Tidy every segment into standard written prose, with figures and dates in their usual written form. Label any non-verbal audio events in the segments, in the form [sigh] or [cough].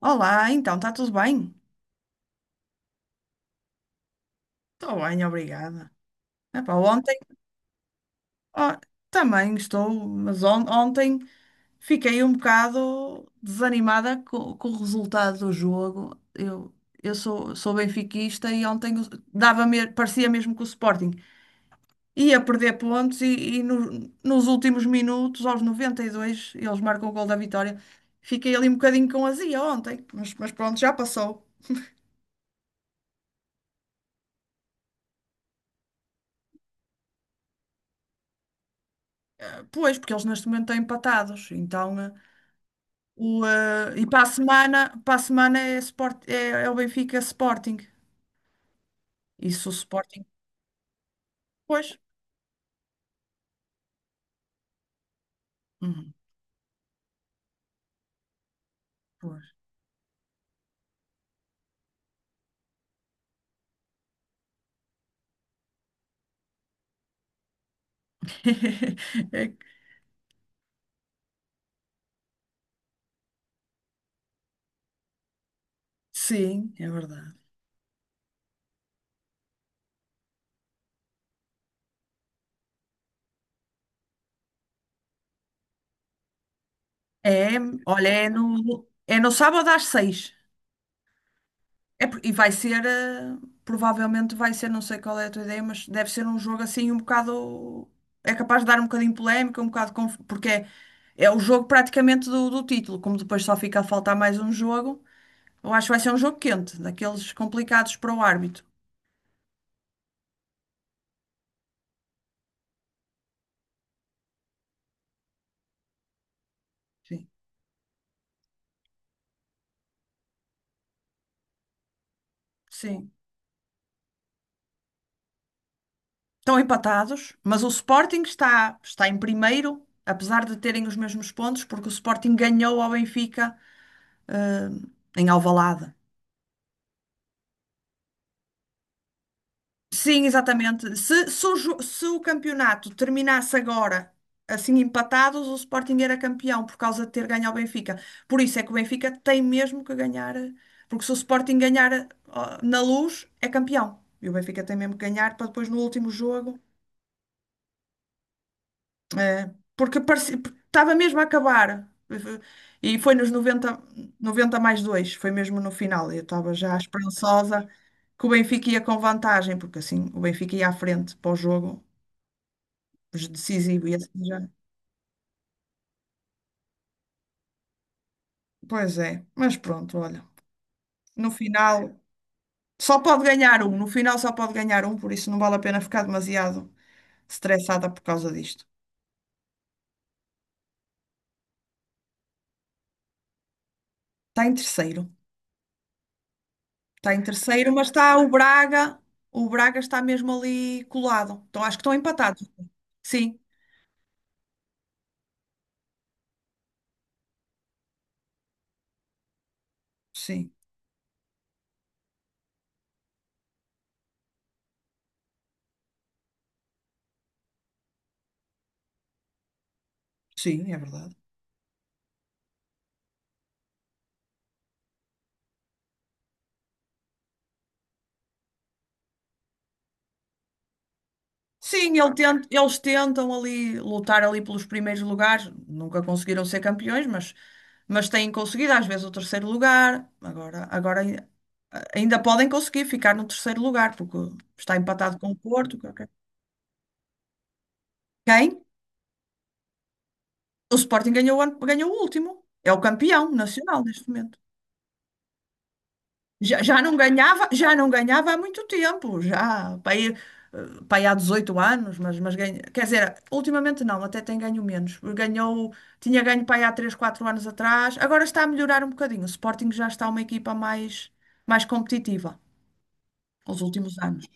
Olá, então, está tudo bem? Estou bem, obrigada. Epá, ontem, ó, também estou, mas ontem fiquei um bocado desanimada com o resultado do jogo. Sou benfiquista e ontem parecia mesmo que o Sporting ia perder pontos e nos últimos minutos, aos 92, eles marcam o gol da vitória. Fiquei ali um bocadinho com azia ontem, mas pronto, já passou. Pois, porque eles neste momento estão empatados, então. E para a semana é, é o Benfica Sporting. Isso o Sporting. Pois. Uhum, pois. [laughs] É que- Sim, é verdade. É, olha, é é no sábado às 6. É, e vai ser, provavelmente vai ser, não sei qual é a tua ideia, mas deve ser um jogo assim um bocado. É capaz de dar um bocadinho polémica, um bocado. Porque é, é o jogo praticamente do título, como depois só fica a faltar mais um jogo. Eu acho que vai ser um jogo quente, daqueles complicados para o árbitro. Sim. Sim. Estão empatados, mas está em primeiro, apesar de terem os mesmos pontos, porque o Sporting ganhou ao Benfica, eh, em Alvalade. Sim, exatamente. Se o campeonato terminasse agora, assim empatados, o Sporting era campeão por causa de ter ganho ao Benfica. Por isso é que o Benfica tem mesmo que ganhar, porque se o Sporting ganhar ó, na Luz, é campeão. E o Benfica tem mesmo que ganhar para depois no último jogo. eh, Porque estava mesmo a acabar. E foi nos 90 90 mais 2 foi mesmo no final. Eu estava já esperançosa que o Benfica ia com vantagem, porque assim o Benfica ia à frente para o jogo decisivo e assim já. Pois é, mas pronto, olha. No final, só pode ganhar um. No final, só pode ganhar um, por isso não vale a pena ficar demasiado estressada por causa disto. Está em terceiro, está em terceiro, mas está o Braga. O Braga está mesmo ali colado. Então acho que estão empatados. Sim, sim, sim, é verdade. Sim, eles tentam ali lutar ali pelos primeiros lugares, nunca conseguiram ser campeões, mas têm conseguido às vezes o terceiro lugar. Agora, ainda podem conseguir ficar no terceiro lugar, porque está empatado com o Porto. Qualquer- Quem? O Sporting ganhou, ganhou o último. É o campeão nacional neste momento. Já não ganhava há muito tempo, já para aí, para aí há 18 anos, mas ganha, quer dizer, ultimamente não, até tem ganho menos. Ganhou, tinha ganho para aí há 3, 4 anos atrás, agora está a melhorar um bocadinho. O Sporting já está uma equipa mais, mais competitiva nos últimos anos.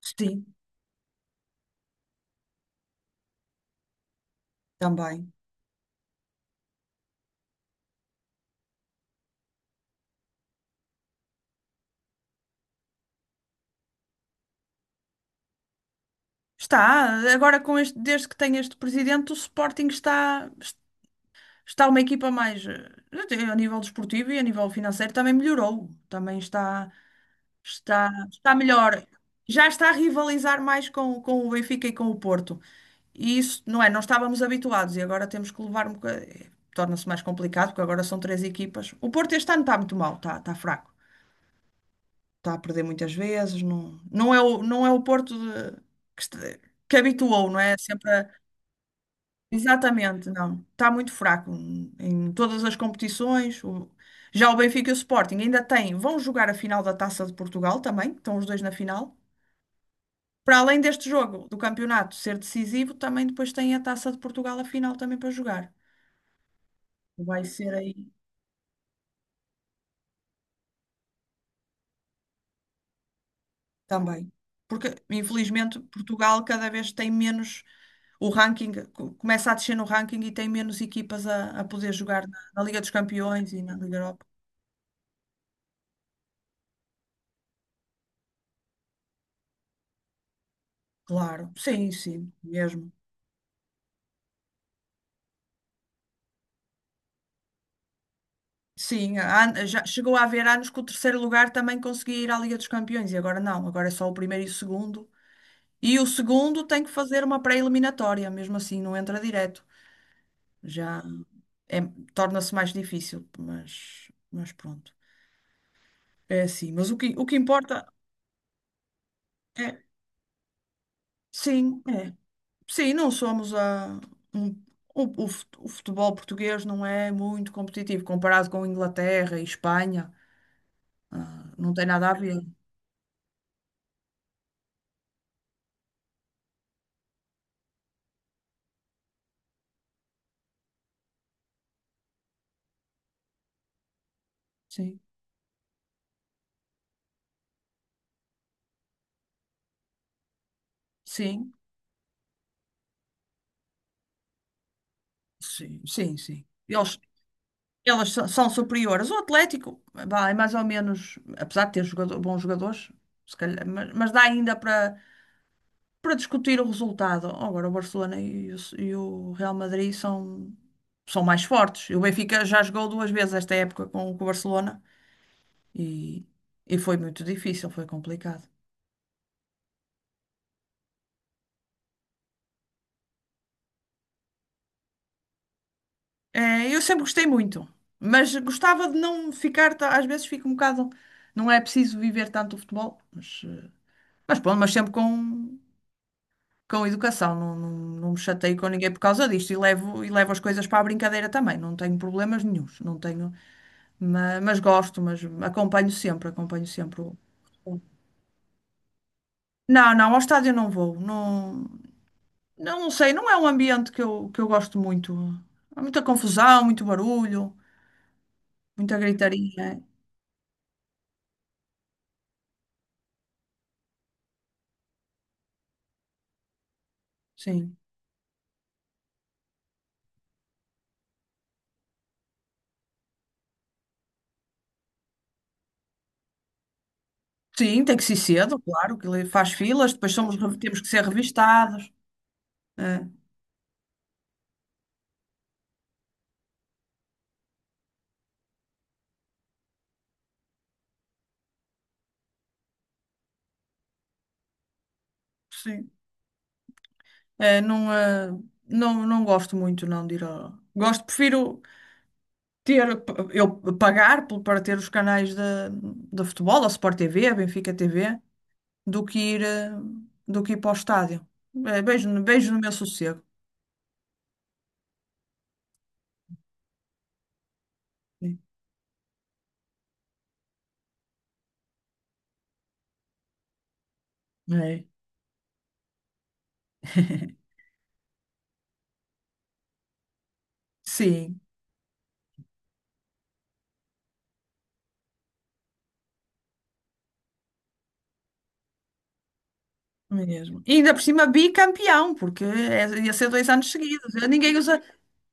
Sim, também. Está, agora com este, desde que tem este presidente, está uma equipa mais, a nível desportivo e a nível financeiro também melhorou, está melhor, já está a rivalizar mais com o Benfica e com o Porto. E isso, não é? Não estávamos habituados e agora temos que levar um bocadinho. Torna-se mais complicado, porque agora são 3 equipas. O Porto este ano está muito mal, está fraco. Está a perder muitas vezes. Não é o Porto que, este- que habituou, não é? Sempre Exatamente, não. Está muito fraco em em todas as competições. O- Já o Benfica e o Sporting ainda têm, vão jogar a final da Taça de Portugal também, estão os dois na final. Para além deste jogo do campeonato ser decisivo, também depois tem a Taça de Portugal a final também para jogar. Vai ser aí também. Porque, infelizmente, Portugal cada vez tem menos o ranking, começa a descer no ranking e tem menos equipas a poder jogar na Liga dos Campeões e na Liga Europa. Claro, sim, sim, mesmo. Sim, há- já chegou a haver anos que o terceiro lugar também conseguia ir à Liga dos Campeões e agora não, agora é só o primeiro e o segundo. E o segundo tem que fazer uma pré-eliminatória, mesmo assim, não entra direto. Já é- torna-se mais difícil, mas pronto. É assim, mas o que importa é, sim, é. Sim, não somos a, um- o futebol português não é muito competitivo comparado com Inglaterra e Espanha. Ah, não tem nada a ver. Sim, sim. Sim. São superiores. O Atlético, vá, é mais ou menos, apesar de ter bons jogadores, se calhar, mas dá ainda para para discutir o resultado. Agora, o Barcelona e o Real Madrid são, são mais fortes. E o Benfica já jogou 2 vezes esta época com o Barcelona e, e foi muito difícil, foi complicado. É, eu sempre gostei muito, mas gostava de não ficar, às vezes fico um bocado, não é preciso viver tanto o futebol, mas. Mas pronto, mas sempre com educação, não me chateio com ninguém por causa disto e levo as coisas para a brincadeira também, não tenho problemas nenhuns, não tenho, ma- mas, gosto, mas acompanho sempre o- Não, não, ao estádio não vou, não, não sei, não é um ambiente que eu gosto muito, há muita confusão, muito barulho, muita gritaria, sim. Sim, tem que ser cedo, claro, que le- faz filas, depois somos, re- temos que ser revistados, é, sim. É, não, não, não gosto muito não de ir ao... Gosto, prefiro ter, eu para ter os canais de futebol, a Sport TV, a Benfica TV, do que ir, do que ir para o estádio. É, beijo, beijo no meu sossego. É. Sim, mesmo. E ainda por cima bicampeão, porque é- ia ser 2 anos seguidos. Eh, Ninguém usa,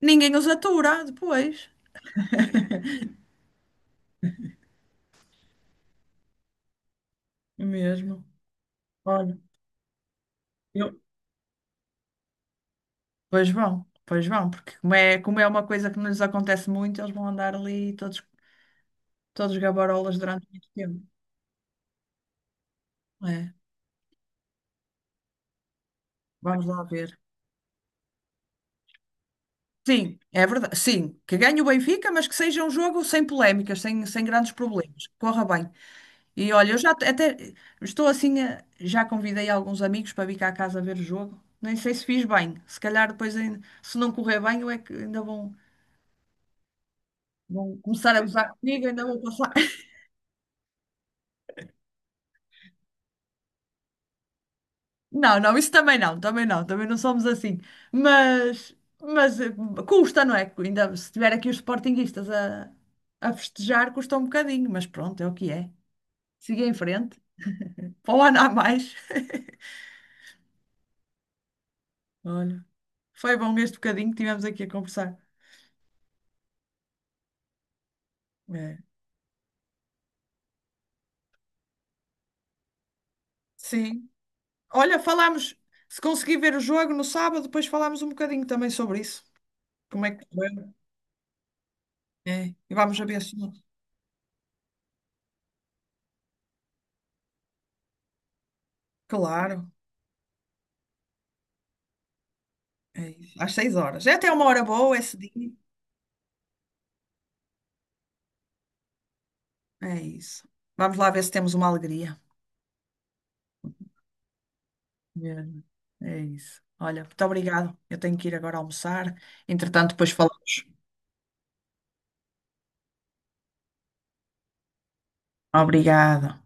ninguém os atura depois. Mesmo. Olha. Eu pois vão, porque como é uma coisa que nos acontece muito, eles vão andar ali todos, todos gabarolas durante muito tempo. É, vamos lá ver. Sim, é verdade. Sim, que ganhe o Benfica, mas que seja um jogo sem polémicas, sem, sem grandes problemas. Que Corra bem. E olha, eu até estou assim, já convidei alguns amigos para vir cá a casa ver o jogo. Nem sei se fiz bem. Se calhar depois, ainda- se não correr bem, eu é que ainda vão, vão começar a gozar comigo, ainda vão passar. Não, não, isso também não, também não, também não somos assim. Mas, mas custa, não é? Ainda se tiver aqui os sportinguistas a festejar, custa um bocadinho, mas pronto, é o que é. Siga em frente, para o ano há mais. Olha, foi bom este bocadinho que tivemos aqui a conversar. É. Sim. Olha, falámos, se conseguir ver o jogo no sábado, depois falámos um bocadinho também sobre isso. Como é que foi? É. E vamos a ver se. Claro, é isso. Às 6 horas. É até uma hora boa, é cedinho. É isso. Vamos lá ver se temos uma alegria. Mesmo. É isso. Olha, muito obrigado. Eu tenho que ir agora almoçar. Entretanto, depois falamos. Obrigada.